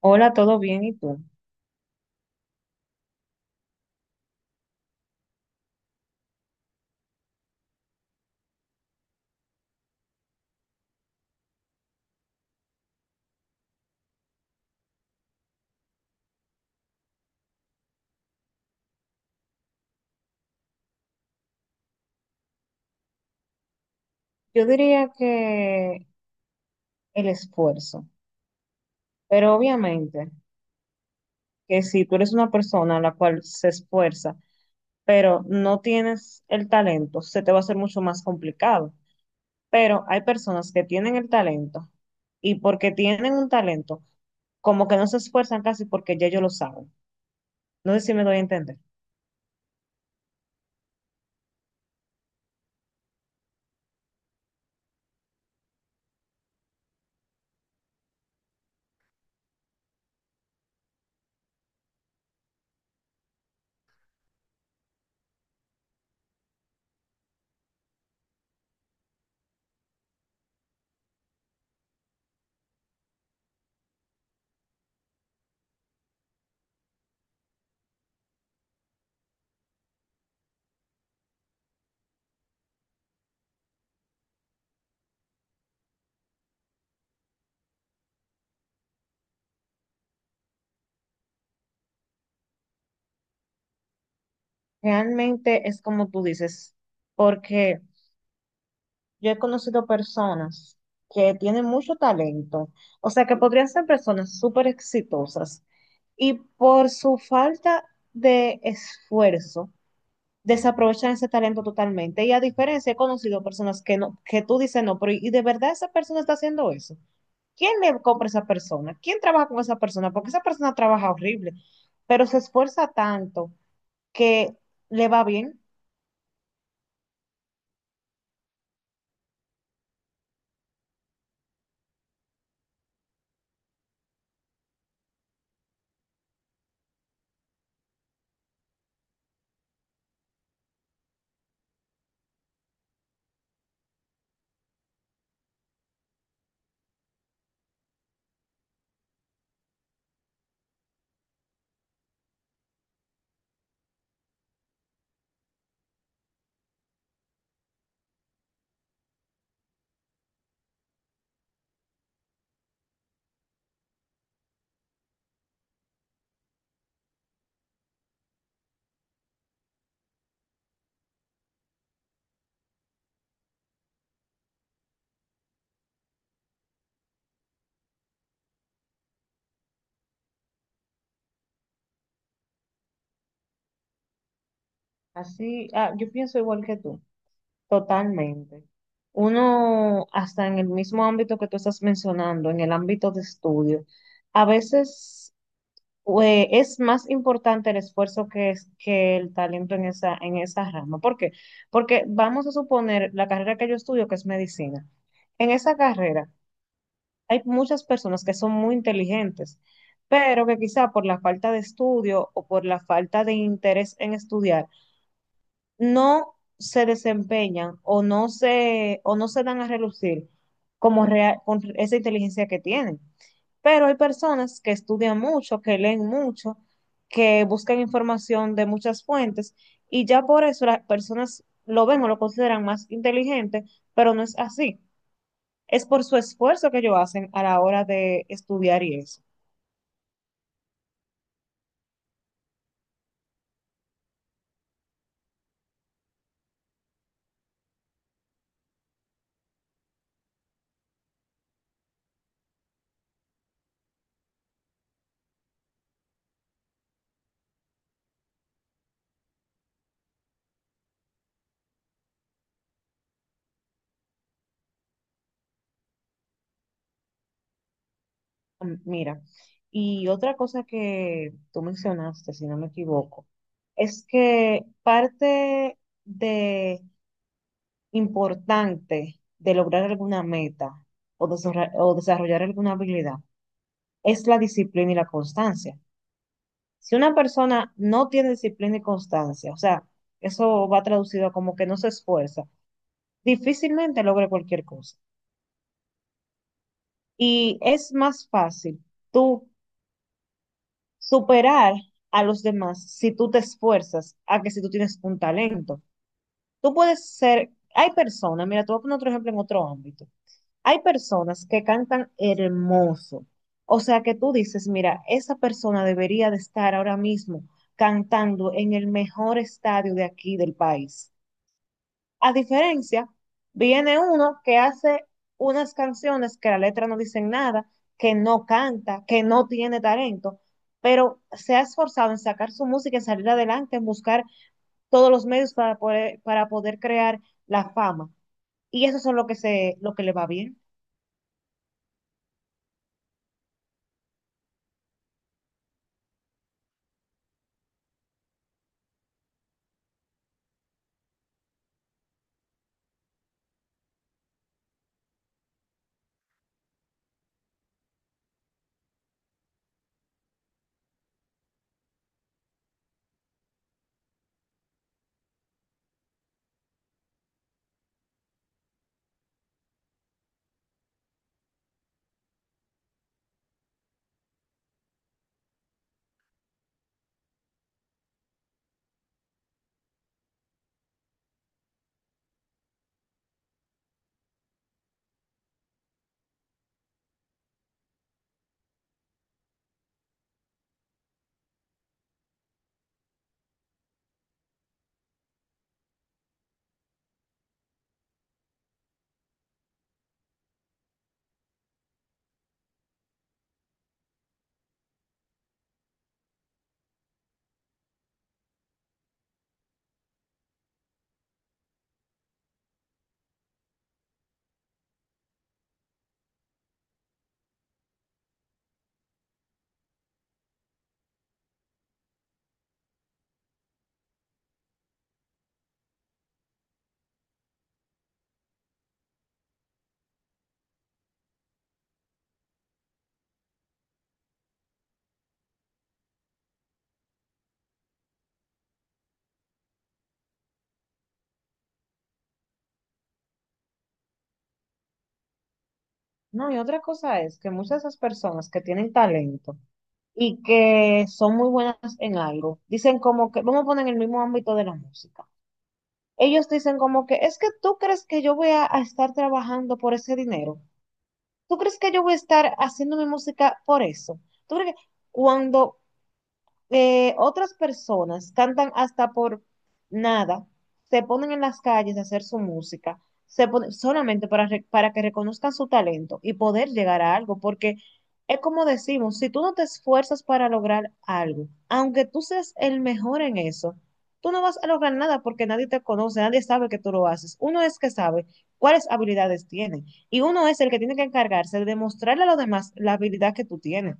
Hola, ¿todo bien? ¿Y tú? Yo diría que el esfuerzo, pero obviamente que si tú eres una persona a la cual se esfuerza, pero no tienes el talento, se te va a hacer mucho más complicado. Pero hay personas que tienen el talento y porque tienen un talento, como que no se esfuerzan casi porque ya ellos lo saben. No sé si me doy a entender. Realmente es como tú dices, porque... Yo he conocido personas que tienen mucho talento, o sea, que podrían ser personas súper exitosas y por su falta de esfuerzo desaprovechan ese talento totalmente. Y a diferencia, he conocido personas que no, que tú dices no, pero ¿y de verdad esa persona está haciendo eso? ¿Quién le compra a esa persona? ¿Quién trabaja con esa persona? Porque esa persona trabaja horrible, pero se esfuerza tanto que le va bien. Así, ah, yo pienso igual que tú. Totalmente. Uno, hasta en el mismo ámbito que tú estás mencionando, en el ámbito de estudio, a veces es más importante el esfuerzo que, es, que el talento en esa rama. ¿Por qué? Porque vamos a suponer la carrera que yo estudio, que es medicina. En esa carrera hay muchas personas que son muy inteligentes, pero que quizá por la falta de estudio o por la falta de interés en estudiar, no se desempeñan o no se dan a relucir como rea- con esa inteligencia que tienen. Pero hay personas que estudian mucho, que leen mucho, que buscan información de muchas fuentes y ya por eso las personas lo ven o lo consideran más inteligente, pero no es así. Es por su esfuerzo que ellos hacen a la hora de estudiar y eso. Mm, mira, y otra cosa que tú mencionaste, si no me equivoco, es que parte de importante de lograr alguna meta o desarra- o desarrollar alguna habilidad es la disciplina y la constancia. Si una persona no tiene disciplina y constancia, o sea, eso va traducido a como que no se esfuerza, difícilmente logra cualquier cosa. Y es más fácil tú superar a los demás si tú te esfuerzas a que si tú tienes un talento. Tú puedes ser, hay personas, mira, te voy a poner otro ejemplo en otro ámbito. Hay personas que cantan hermoso. O sea que tú dices, mira, esa persona debería de estar ahora mismo cantando en el mejor estadio de aquí del país. A diferencia, viene uno que hace unas canciones que la letra no dice nada, que no canta, que no tiene talento, pero se ha esforzado en sacar su música, en salir adelante, en buscar todos los medios para poder crear la fama. Y eso es lo que se, lo que le va bien. No, y otra cosa es que muchas de esas personas que tienen talento y que son muy buenas en algo, dicen como que, vamos a poner en el mismo ámbito de la música ellos dicen como que, es que tú crees que yo voy a estar trabajando por ese dinero. ¿Tú crees que yo voy a estar haciendo mi música por eso? ¿Tú crees que cuando otras personas cantan hasta por nada, se ponen en las calles a hacer su música, se ponen solamente para, re- para que reconozcan su talento y poder llegar a algo, porque es como decimos, si tú no te esfuerzas para lograr algo, aunque tú seas el mejor en eso, tú no vas a lograr nada porque nadie te conoce, nadie sabe que tú lo haces. Uno es que sabe cuáles habilidades tiene y uno es el que tiene que encargarse de demostrarle a los demás la habilidad que tú tienes.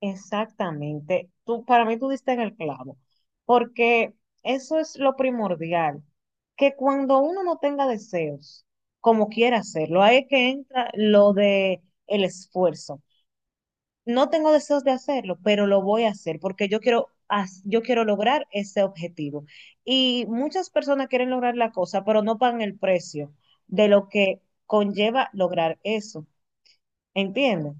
Exactamente. Tú, para mí tú diste en el clavo, porque eso es lo primordial, que cuando uno no tenga deseos, como quiera hacerlo, ahí es que entra lo de el esfuerzo. No tengo deseos de hacerlo, pero lo voy a hacer porque yo quiero, haz- yo quiero lograr ese objetivo. Y muchas personas quieren lograr la cosa, pero no pagan el precio de lo que conlleva lograr eso. ¿Entiendes?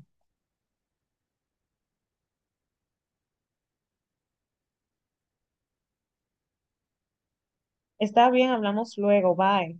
Está bien, hablamos luego, bye.